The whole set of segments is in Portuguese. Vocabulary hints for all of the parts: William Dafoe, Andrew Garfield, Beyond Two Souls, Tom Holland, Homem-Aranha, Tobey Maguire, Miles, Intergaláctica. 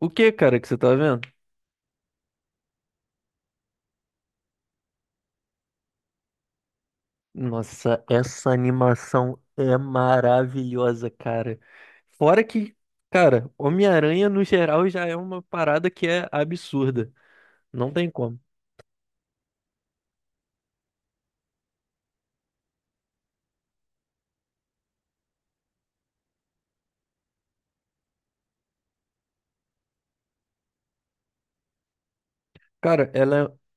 O que, cara, que você tá vendo? Nossa, essa animação é maravilhosa, cara. Fora que, cara, Homem-Aranha no geral já é uma parada que é absurda. Não tem como. Cara, ela é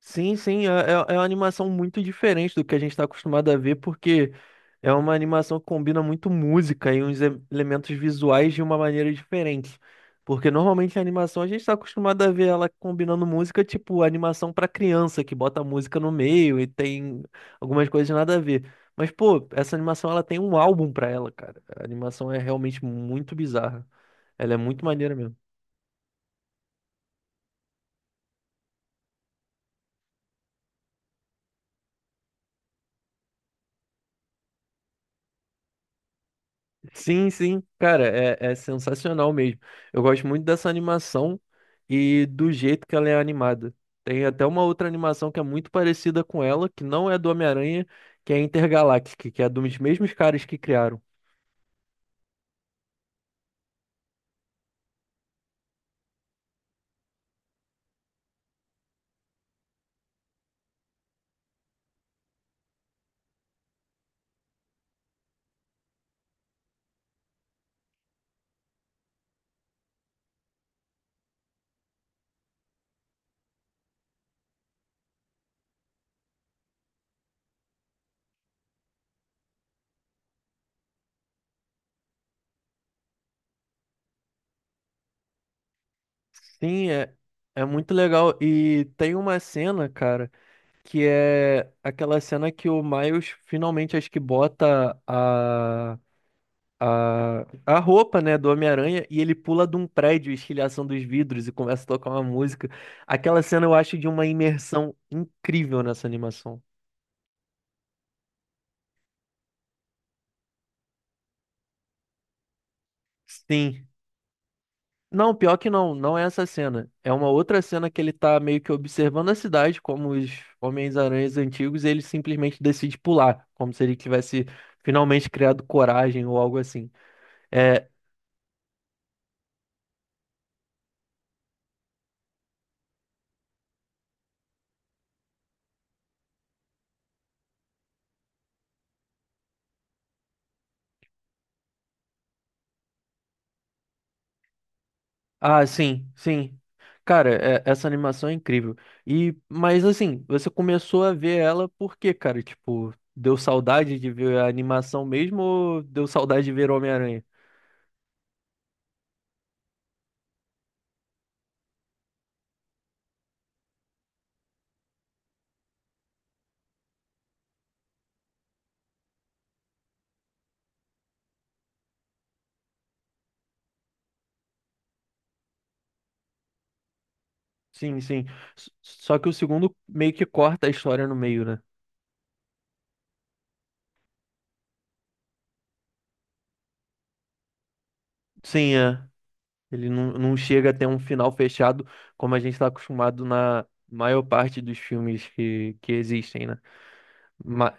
sim, sim, é uma animação muito diferente do que a gente está acostumado a ver, porque é uma animação que combina muito música e elementos visuais de uma maneira diferente. Porque normalmente a animação a gente está acostumado a ver ela combinando música, tipo animação para criança, que bota música no meio e tem algumas coisas nada a ver. Mas, pô, essa animação ela tem um álbum para ela, cara. A animação é realmente muito bizarra. Ela é muito maneira mesmo. Sim, sim, cara, é sensacional mesmo. Eu gosto muito dessa animação e do jeito que ela é animada. Tem até uma outra animação que é muito parecida com ela, que não é do Homem-Aranha, que é Intergaláctica, que é dos mesmos caras que criaram. Sim, é, é muito legal. E tem uma cena, cara, que é aquela cena que o Miles finalmente acho que bota a roupa, né, do Homem-Aranha e ele pula de um prédio, estilhação dos vidros e começa a tocar uma música. Aquela cena eu acho de uma imersão incrível nessa animação. Sim. Não, pior que não, não é essa cena. É uma outra cena que ele tá meio que observando a cidade, como os Homens-Aranhas antigos, e ele simplesmente decide pular, como se ele tivesse finalmente criado coragem ou algo assim. É, ah, sim, sim. Cara, essa animação é incrível. E, mas assim, você começou a ver ela por quê, cara? Tipo, deu saudade de ver a animação mesmo ou deu saudade de ver Homem-Aranha? Sim, sim. Só que o segundo meio que corta a história no meio, né? Sim, é. Ele não chega a ter um final fechado como a gente está acostumado na maior parte dos filmes que existem, né? Ma-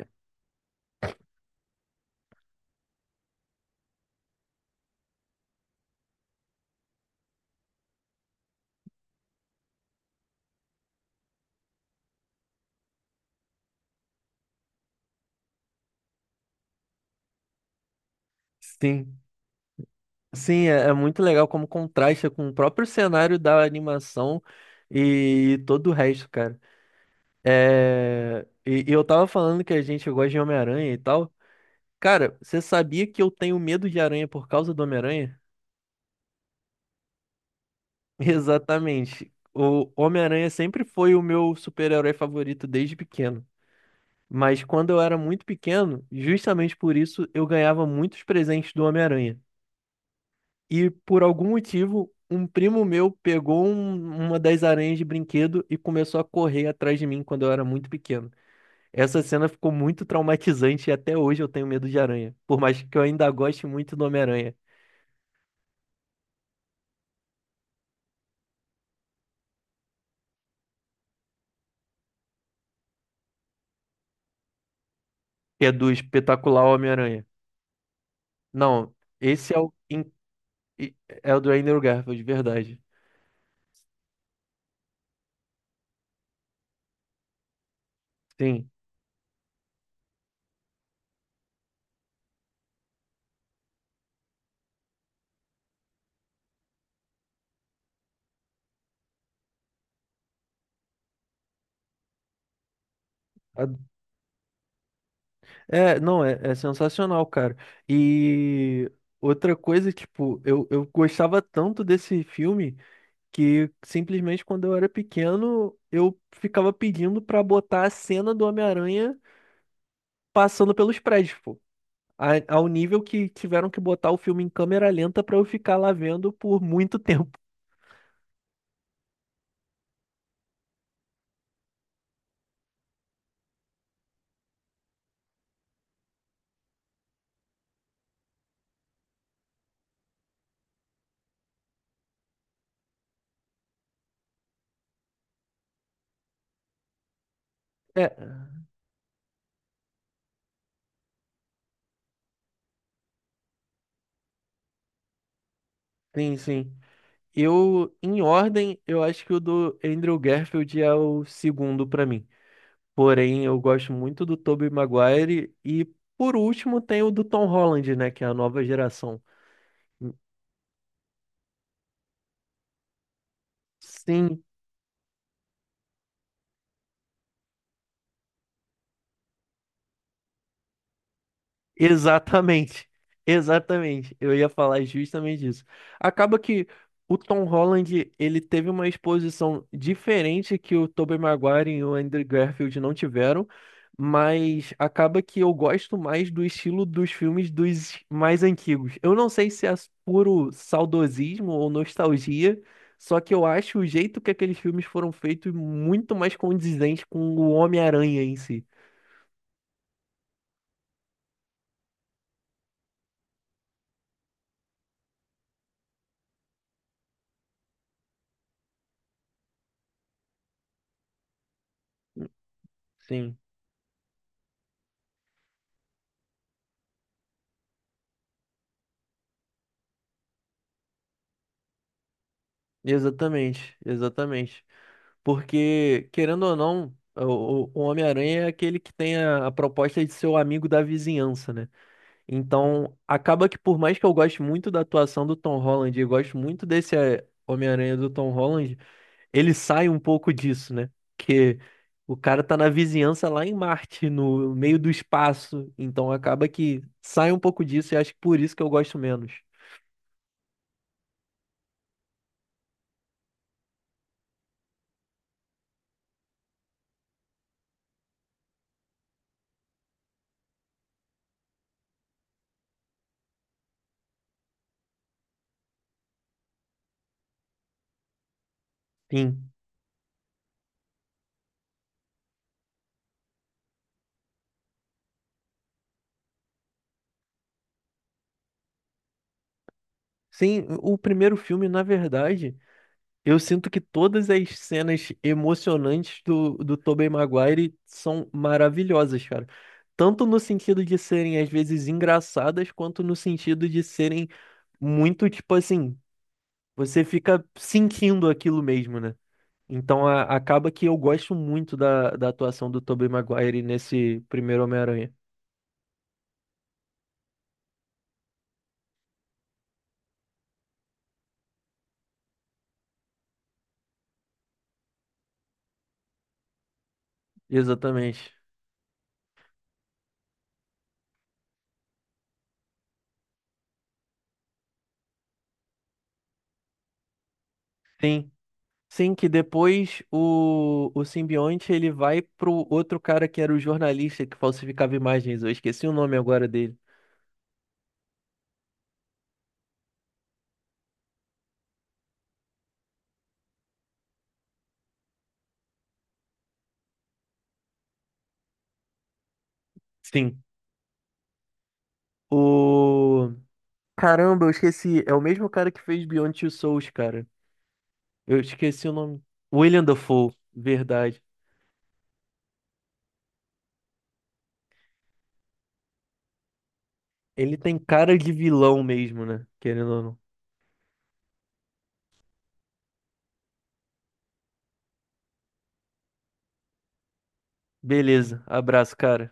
sim. Sim, é, é muito legal como contrasta com o próprio cenário da animação e todo o resto, cara. É, e eu tava falando que a gente gosta de Homem-Aranha e tal. Cara, você sabia que eu tenho medo de aranha por causa do Homem-Aranha? Exatamente. O Homem-Aranha sempre foi o meu super-herói favorito desde pequeno. Mas quando eu era muito pequeno, justamente por isso eu ganhava muitos presentes do Homem-Aranha. E por algum motivo, um primo meu pegou uma das aranhas de brinquedo e começou a correr atrás de mim quando eu era muito pequeno. Essa cena ficou muito traumatizante e até hoje eu tenho medo de aranha. Por mais que eu ainda goste muito do Homem-Aranha, que é do espetacular Homem-Aranha. Não, esse é o, i- é o do Andrew Garfield, de verdade. Sim. A- É, não, é, é sensacional, cara. E outra coisa, tipo, eu gostava tanto desse filme, que simplesmente quando eu era pequeno, eu ficava pedindo pra botar a cena do Homem-Aranha passando pelos prédios, pô. Ao nível que tiveram que botar o filme em câmera lenta pra eu ficar lá vendo por muito tempo. É, sim, sim. Eu, em ordem, eu acho que o do Andrew Garfield é o segundo pra mim. Porém, eu gosto muito do Tobey Maguire e, por último, tem o do Tom Holland, né, que é a nova geração. Sim, exatamente, exatamente. Eu ia falar justamente isso. Acaba que o Tom Holland, ele teve uma exposição diferente que o Tobey Maguire e o Andrew Garfield não tiveram, mas acaba que eu gosto mais do estilo dos filmes dos mais antigos. Eu não sei se é puro saudosismo ou nostalgia, só que eu acho o jeito que aqueles filmes foram feitos muito mais condizente com o Homem-Aranha em si. Sim, exatamente, exatamente. Porque, querendo ou não, o Homem-Aranha é aquele que tem a proposta de ser o amigo da vizinhança, né? Então, acaba que por mais que eu goste muito da atuação do Tom Holland e gosto muito desse Homem-Aranha do Tom Holland, ele sai um pouco disso, né? Que o cara tá na vizinhança lá em Marte, no meio do espaço. Então, acaba que sai um pouco disso e acho que por isso que eu gosto menos. Sim. Sim, o primeiro filme, na verdade. Eu sinto que todas as cenas emocionantes do, do Tobey Maguire são maravilhosas, cara. Tanto no sentido de serem, às vezes, engraçadas, quanto no sentido de serem muito, tipo assim, você fica sentindo aquilo mesmo, né? Então acaba que eu gosto muito da, da atuação do Tobey Maguire nesse primeiro Homem-Aranha. Exatamente. Sim. Sim, que depois o simbionte ele vai pro outro cara que era o jornalista que falsificava imagens. Eu esqueci o nome agora dele. Sim. O. Caramba, eu esqueci. É o mesmo cara que fez Beyond Two Souls, cara. Eu esqueci o nome. William Dafoe, verdade. Ele tem cara de vilão mesmo, né? Querendo ou não. Beleza, abraço, cara.